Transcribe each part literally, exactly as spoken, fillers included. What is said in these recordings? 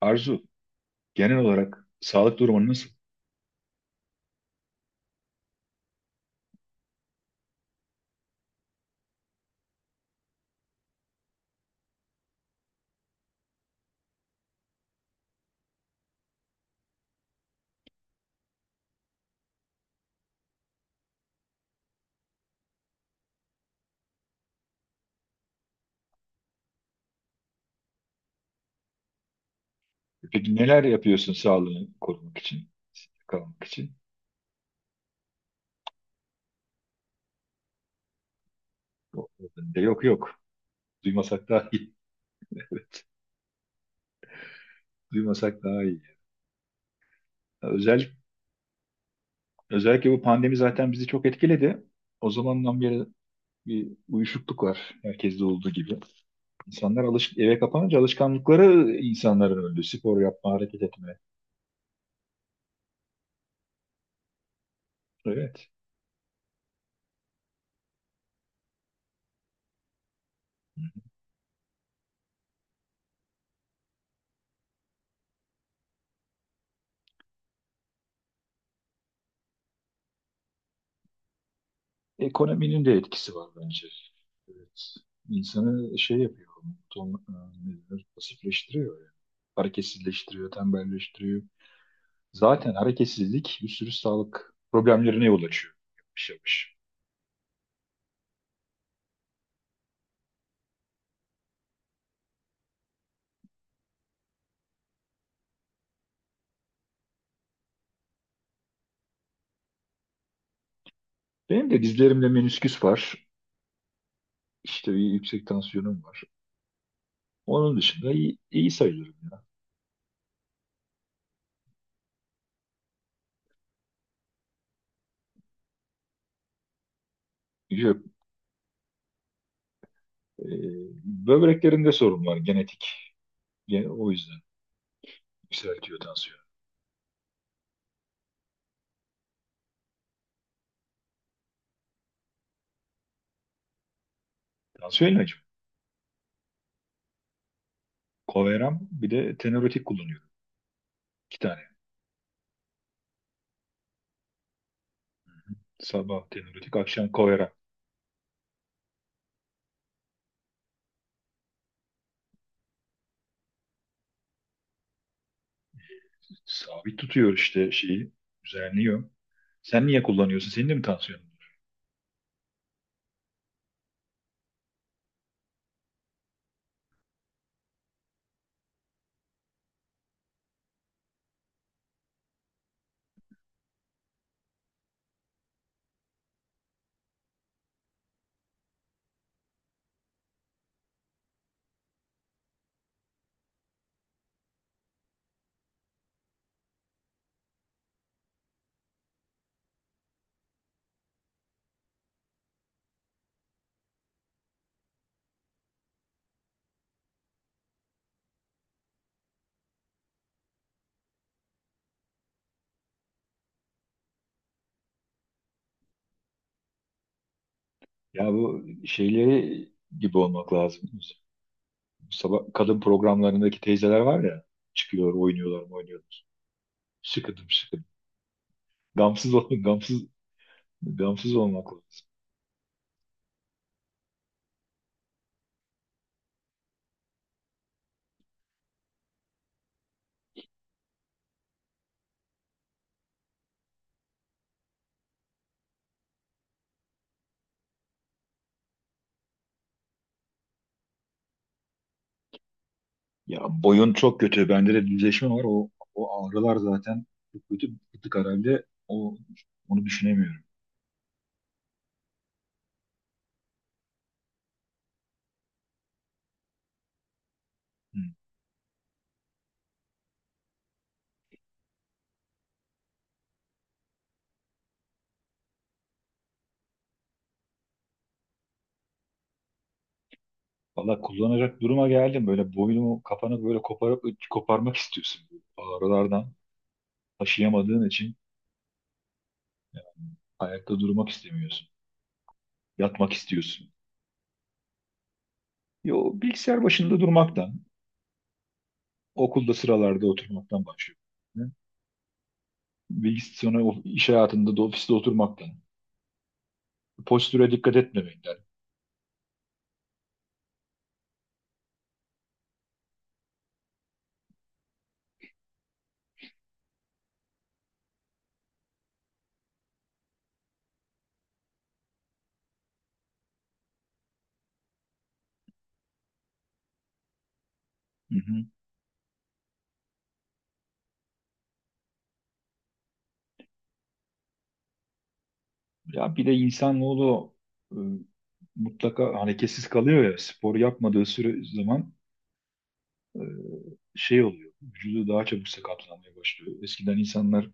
Arzu, genel olarak sağlık durumun nasıl? Peki neler yapıyorsun sağlığını korumak için, kalmak için? Yok, yok. Yok. Duymasak daha iyi. Duymasak daha iyi. Özel, özellikle bu pandemi zaten bizi çok etkiledi. O zamandan beri bir uyuşukluk var herkeste olduğu gibi. İnsanlar alış eve kapanınca alışkanlıkları insanların öldü. Spor yapma, hareket etme. Evet. Ekonominin de etkisi var bence. Evet. İnsanı şey yapıyor, ton, e, ne denir, pasifleştiriyor yani. Hareketsizleştiriyor, tembelleştiriyor. Zaten hareketsizlik bir sürü sağlık problemlerine yol açıyor. Yavaş yavaş. Benim de dizlerimde menisküs var. İşte bir yüksek tansiyonum var. Onun dışında iyi, iyi sayılırım ya. Yok, e, böbreklerimde sorun var genetik. Ge- o yüzden yükseltiyor tansiyon. Tansiyon ilacım. Coveram bir de tenorotik kullanıyorum. İki tane. Sabah teoretik, akşam koyarak sabit tutuyor işte şeyi, düzenliyor. Sen niye kullanıyorsun? Senin de mi tansiyonun var? Ya bu şeyleri gibi olmak lazım. Sabah kadın programlarındaki teyzeler var ya, çıkıyor, oynuyorlar, oynuyorlar. Sıkıdım, sıkıdım. Gamsız olmak, gamsız, gamsız olmak lazım. Ya boyun çok kötü. Bende de düzleşme var. O, o ağrılar zaten çok kötü. Bıktık herhalde. O, onu düşünemiyorum. Hı. Valla kullanacak duruma geldim. Böyle boynumu kapanıp böyle koparıp koparmak istiyorsun. Ağrılardan taşıyamadığın için ayakta durmak istemiyorsun. Yatmak istiyorsun. Yo, bilgisayar başında durmaktan, okulda sıralarda oturmaktan başlıyor. Bilgisayar sonra o- iş hayatında da ofiste oturmaktan. Postüre dikkat etmemekten. Hı hı. Ya bir de insanoğlu e, mutlaka hareketsiz kalıyor ya spor yapmadığı süre zaman e, şey oluyor. Vücudu daha çabuk sakatlanmaya başlıyor. Eskiden insanlar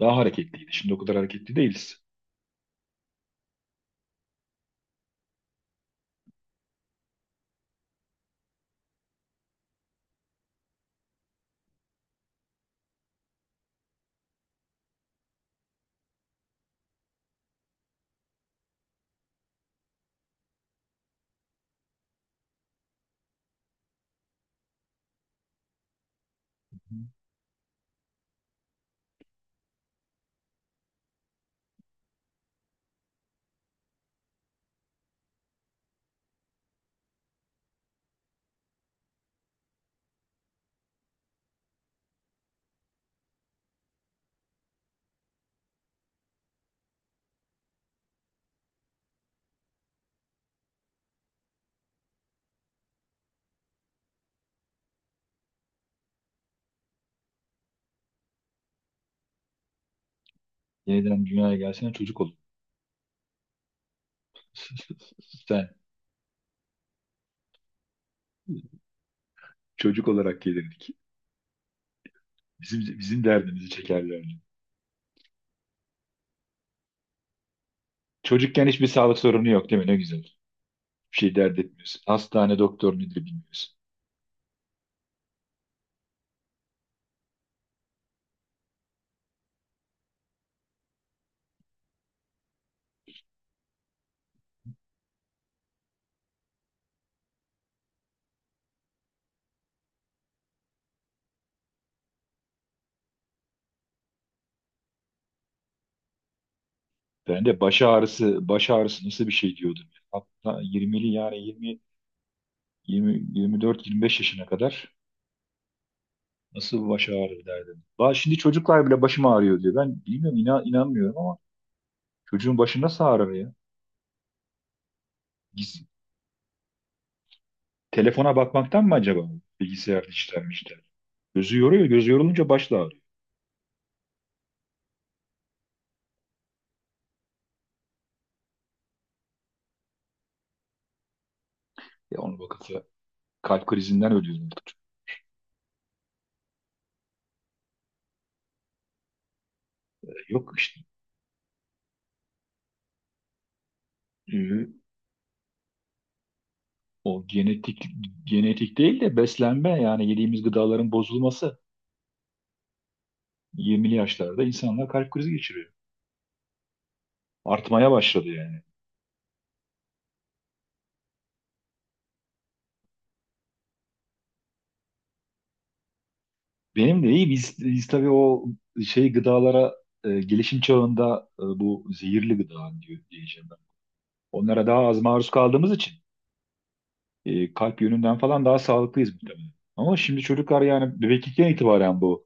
daha hareketliydi. Şimdi o kadar hareketli değiliz. Hı. Yeniden dünyaya gelsen çocuk olun. Sen çocuk olarak gelirdik. Bizim bizim derdimizi çekerlerdi. Çocukken hiçbir sağlık sorunu yok değil mi? Ne güzel. Bir şey dert etmiyorsun. Hastane doktor nedir bilmiyorsun. Ben de baş ağrısı, baş ağrısı nasıl bir şey diyordum. Hatta yirmili yani yirmi, yirmi, yirmi dört, yirmi beş yaşına kadar nasıl baş ağrı derdim. Ba- Şimdi çocuklar bile başım ağrıyor diyor. Ben bilmiyorum inan, inanmıyorum ama çocuğun başı nasıl ağrır ya? Telefona bakmaktan mı acaba? Bilgisayar dijital dijital. Gözü yoruyor. Gözü yorulunca baş da ağrıyor. Ya onu bakınca kalp krizinden ölüyor artık. Yok işte. Ee, o genetik genetik değil de beslenme yani yediğimiz gıdaların bozulması yirmili yaşlarda insanlar kalp krizi geçiriyor. Artmaya başladı yani. Benim de iyi biz, biz tabii o şey gıdalara e, gelişim çağında e, bu zehirli gıda diyor, diyeceğim ben. Onlara daha az maruz kaldığımız için e, kalp yönünden falan daha sağlıklıyız muhtemelen. Ama şimdi çocuklar yani bebeklikten itibaren bu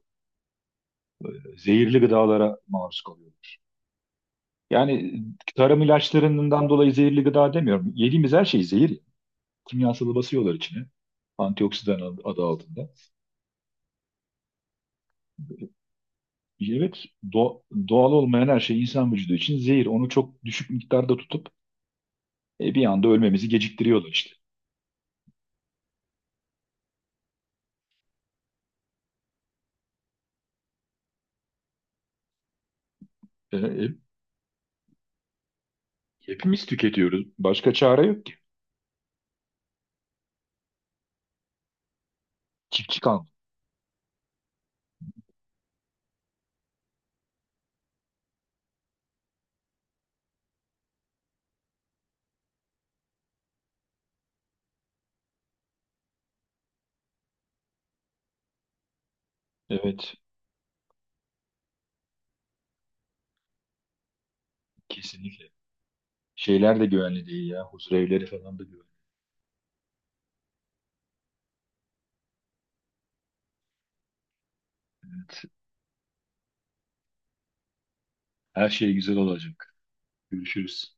zehirli gıdalara maruz kalıyor. Yani tarım ilaçlarından dolayı zehirli gıda demiyorum. Yediğimiz her şey zehir. Kimyasalı basıyorlar içine. Antioksidan adı adı altında. Evet, do- doğal olmayan her şey insan vücudu için zehir. Onu çok düşük miktarda tutup e, bir anda ölmemizi geciktiriyorlar işte. E, e, hepimiz tüketiyoruz. Başka çare yok ki. Çiftçi kalmadı. Evet, kesinlikle. Şeyler de güvenli değil ya. Huzurevleri falan da güvenli değil. Her şey güzel olacak. Görüşürüz.